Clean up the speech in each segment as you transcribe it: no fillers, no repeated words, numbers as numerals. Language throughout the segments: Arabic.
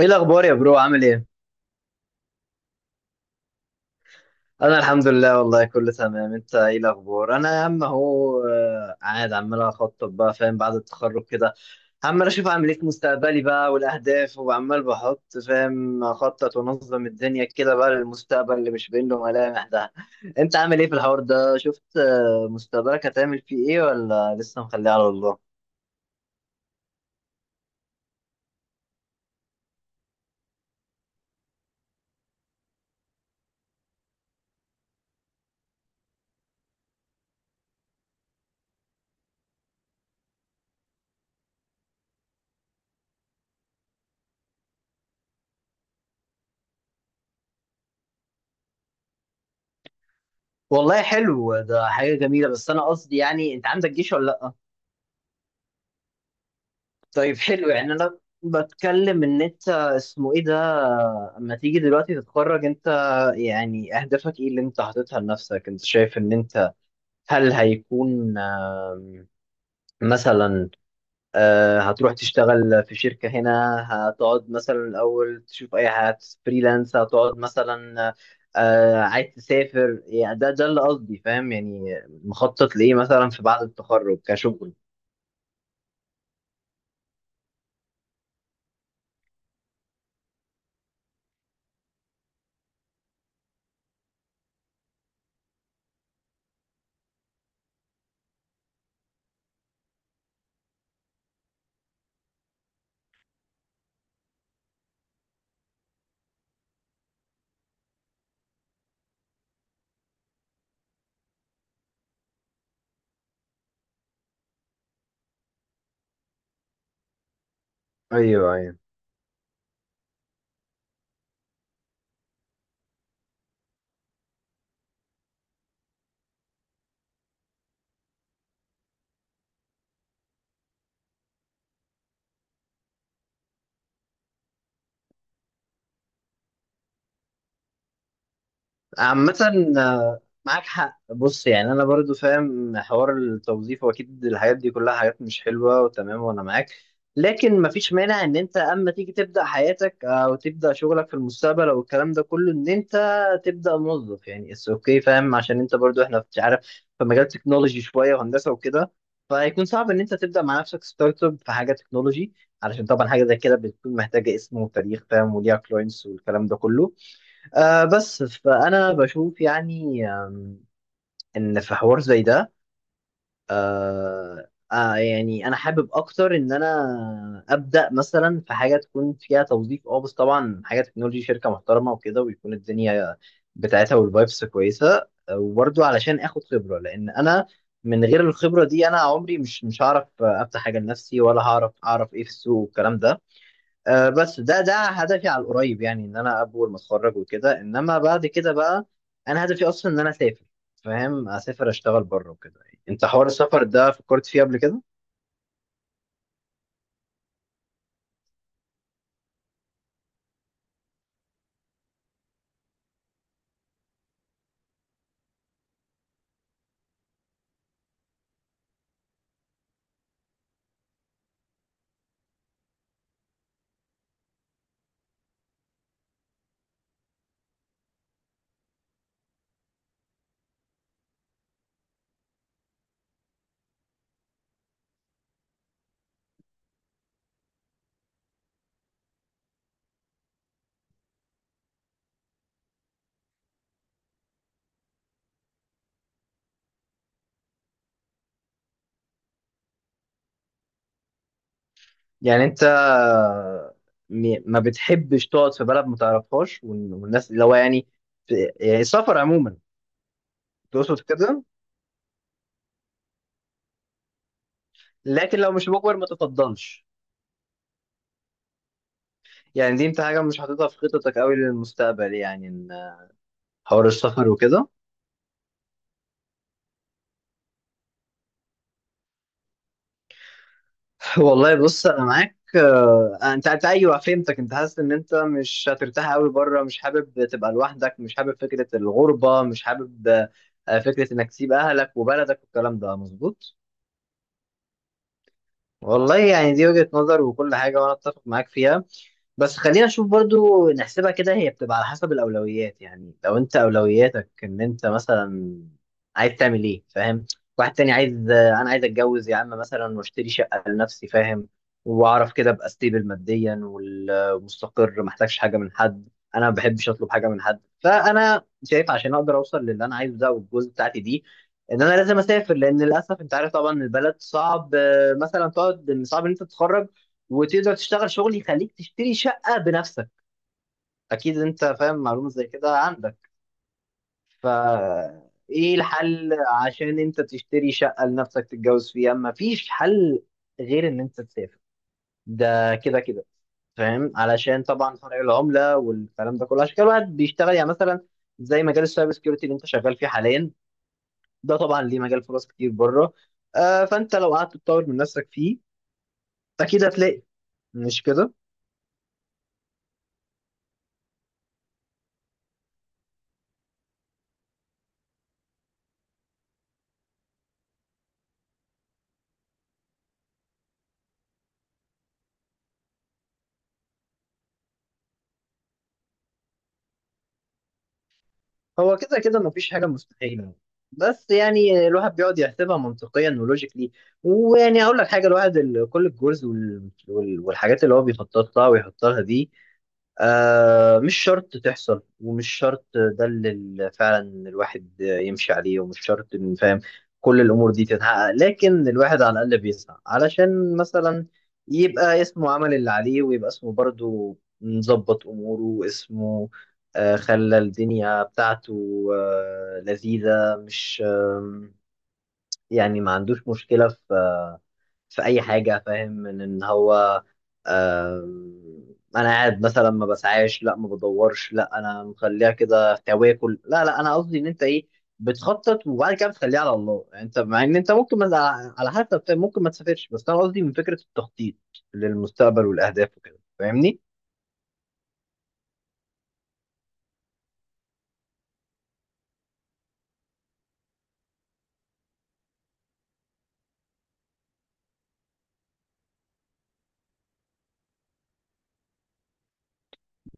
ايه الاخبار يا برو؟ عامل ايه؟ انا الحمد لله والله كله تمام. انت ايه الاخبار؟ انا يا عم اهو قاعد عمال اخطط بقى فاهم بعد التخرج كده. عمال اشوف اعمل ايه في مستقبلي بقى والاهداف، وعمال بحط فاهم اخطط وانظم الدنيا كده بقى للمستقبل اللي مش باين له ملامح ده. انت عامل ايه في الحوار ده؟ شفت مستقبلك هتعمل فيه ايه ولا لسه مخليه على الله؟ والله حلو، ده حاجة جميلة. بس أنا قصدي يعني أنت عندك جيش ولا لأ؟ طيب حلو، يعني انا بتكلم ان انت اسمه ايه ده، اما تيجي دلوقتي تتخرج انت، يعني اهدافك ايه اللي انت حاططها لنفسك؟ انت شايف ان انت هل هيكون مثلا هتروح تشتغل في شركة هنا، هتقعد مثلا الاول تشوف اي حاجة فريلانس، هتقعد مثلا عايز تسافر؟ يعني ده اللي قصدي فاهم، يعني مخطط لايه مثلا في بعد التخرج كشغل؟ ايوه ايوه، عامة معاك حق. بص، يعني أنا برضو فاهم حوار التوظيف، وأكيد الحاجات دي كلها حاجات مش حلوة وتمام وأنا معاك. لكن مفيش مانع إن أنت أما تيجي تبدأ حياتك، أو تبدأ شغلك في المستقبل أو الكلام ده كله، إن أنت تبدأ موظف، يعني اتس أوكي فاهم، عشان أنت برضو إحنا مش عارف، في مجال تكنولوجي شوية وهندسة وكده، فهيكون صعب إن أنت تبدأ مع نفسك ستارت أب في حاجة تكنولوجي، علشان طبعا حاجة زي كده بتكون محتاجة اسم وتاريخ فاهم، وليها كلاينتس والكلام ده كله. بس فأنا بشوف يعني إن في حوار زي ده. يعني أنا حابب أكتر إن أنا أبدأ مثلا في حاجة تكون فيها توظيف، بس طبعا حاجة تكنولوجي، شركة محترمة وكده، ويكون الدنيا بتاعتها والفايبس كويسة. وبرضو علشان آخد خبرة، لأن أنا من غير الخبرة دي أنا عمري مش هعرف أفتح حاجة لنفسي، ولا هعرف أعرف إيه في السوق والكلام ده. بس ده هدفي على القريب، يعني ان انا اول ما اتخرج وكده، انما بعد كده بقى انا هدفي اصلا ان انا اسافر فاهم، اسافر اشتغل بره وكده. انت حوار السفر ده فكرت فيه قبل كده؟ يعني انت ما بتحبش تقعد في بلد ما تعرفهاش، والناس اللي هو يعني يعني السفر عموما تقصد كده؟ لكن لو مش مجبر ما تفضلش. يعني دي انت حاجه مش حاططها في خططك قوي للمستقبل، يعني إن حوار السفر وكده. والله بص، انا معاك. انت ايوه فهمتك، انت حاسس ان انت مش هترتاح قوي بره، مش حابب تبقى لوحدك، مش حابب فكره الغربه، مش حابب فكره انك تسيب اهلك وبلدك والكلام ده مظبوط. والله يعني دي وجهة نظر وكل حاجة، وأنا أتفق معاك فيها. بس خلينا نشوف برضو، نحسبها كده، هي بتبقى على حسب الأولويات، يعني لو أنت أولوياتك إن أنت مثلا عايز تعمل إيه فاهم. واحد تاني عايز، أنا عايز أتجوز يا عم مثلا، وأشتري شقة لنفسي فاهم، وأعرف كده أبقى ستيبل ماديا ومستقر، محتاجش حاجة من حد، أنا ما بحبش أطلب حاجة من حد. فأنا شايف عشان أقدر أوصل للي أنا عايزه ده والجوز بتاعتي دي، ان انا لازم اسافر، لان للاسف انت عارف طبعا البلد صعب، مثلا تقعد، إن صعب ان انت تتخرج وتقدر تشتغل شغل يخليك تشتري شقة بنفسك. اكيد انت فاهم معلومة زي كده عندك. ف ايه الحل؟ عشان انت تشتري شقة لنفسك تتجوز فيها، مفيش حل غير ان انت تسافر، ده كده كده فاهم، علشان طبعا فرق العملة والكلام ده كله. عشان كده الواحد بيشتغل، يعني مثلا زي مجال السايبر سكيورتي اللي انت شغال فيه حاليا، ده طبعا ليه مجال فرص كتير بره. فانت لو قعدت تطور من نفسك فيه اكيد هتلاقي، مش كده؟ هو كده كده مفيش حاجة مستحيلة، بس يعني الواحد بيقعد يحسبها منطقيا ولوجيكلي. ويعني أقول لك حاجة، الواحد كل الجولز والحاجات اللي هو بيخطط لها ويحط لها دي مش شرط تحصل، ومش شرط ده اللي فعلا الواحد يمشي عليه، ومش شرط إن فاهم كل الأمور دي تتحقق. لكن الواحد على الأقل بيسعى علشان مثلا يبقى اسمه عمل اللي عليه، ويبقى اسمه برضه مظبط أموره، واسمه خلى الدنيا بتاعته لذيذة، مش يعني ما عندوش مشكلة في أي حاجة فاهم، من إن هو أنا قاعد مثلا ما بسعاش، لا ما بدورش، لا أنا مخليها كده تواكل، لا لا أنا قصدي إن أنت إيه بتخطط، وبعد كده بتخليها على الله. يعني أنت مع إن أنت ممكن ما، على حسب، ممكن ما تسافرش، بس أنا قصدي من فكرة التخطيط للمستقبل والأهداف وكده، فاهمني؟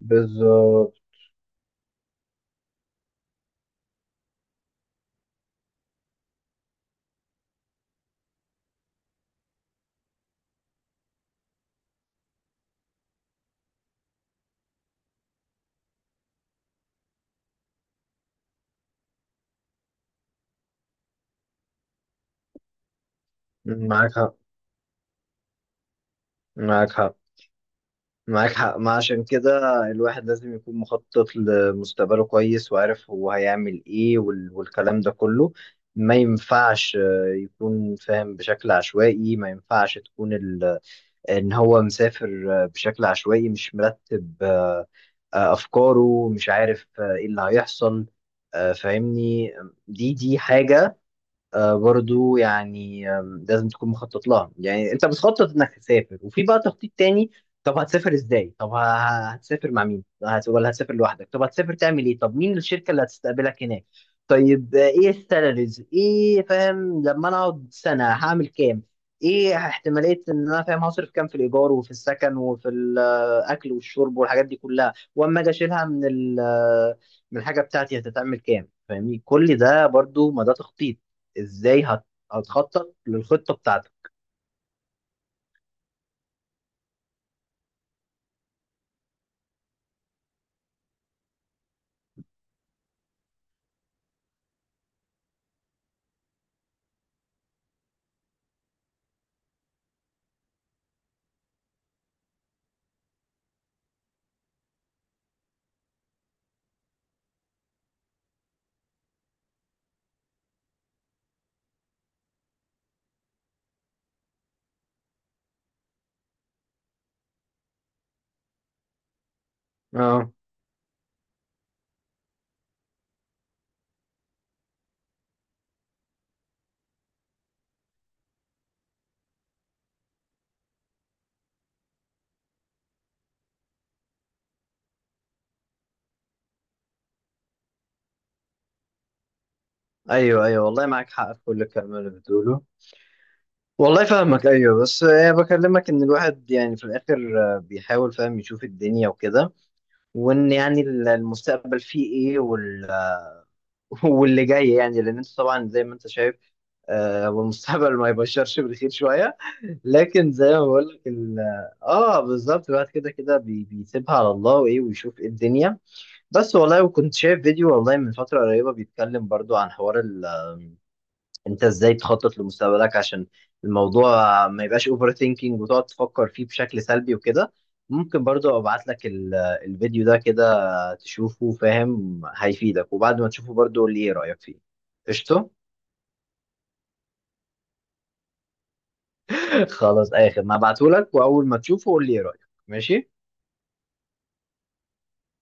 بالظبط. معاك حق، معاك حق، معاك حق. ما عشان كده الواحد لازم يكون مخطط لمستقبله كويس، وعارف هو هيعمل ايه والكلام ده كله. ما ينفعش يكون فاهم بشكل عشوائي. ما ينفعش تكون ان هو مسافر بشكل عشوائي مش مرتب، افكاره مش عارف، ايه اللي هيحصل، فاهمني. دي حاجة برضو يعني لازم تكون مخطط لها. يعني انت بتخطط انك تسافر، وفي بقى تخطيط تاني، طب هتسافر ازاي؟ طب هتسافر مع مين؟ ولا هتسافر لوحدك؟ طب هتسافر تعمل ايه؟ طب مين الشركة اللي هتستقبلك هناك؟ طيب ايه السالاريز؟ ايه فاهم لما انا اقعد سنة هعمل كام؟ ايه احتمالية ان انا فاهم هصرف كام في الايجار وفي السكن وفي الاكل والشرب والحاجات دي كلها، واما اجي اشيلها من من الحاجة بتاعتي هتتعمل كام فاهمني؟ كل ده برضو ما ده تخطيط. ازاي هتخطط للخطة بتاعتك؟ اه ايوه ايوه، والله معاك حق في كل الكلام اللي بتقوله. والله فاهمك. ايوه بس بكلمك ان الواحد يعني في الاخر بيحاول فاهم يشوف الدنيا وكده، وان يعني المستقبل فيه ايه وال آه، واللي جاي يعني. لان انت طبعا زي ما انت شايف، هو المستقبل ما يبشرش بالخير شويه. لكن زي ما بقول لك اه بالظبط، الواحد كده كده بيسيبها على الله وايه، ويشوف ايه الدنيا. بس والله، وكنت شايف فيديو والله من فترة قريبة بيتكلم برضو عن حوار انت ازاي تخطط لمستقبلك، عشان الموضوع ما يبقاش اوفر ثينكينج، وتقعد تفكر فيه بشكل سلبي وكده. ممكن برضو ابعت لك الفيديو ده كده تشوفه فاهم هيفيدك، وبعد ما تشوفه برضو قول لي ايه رأيك فيه. قشطة. خلاص اي خدمة، هبعته لك، واول ما تشوفه قول لي ايه رأيك. ماشي.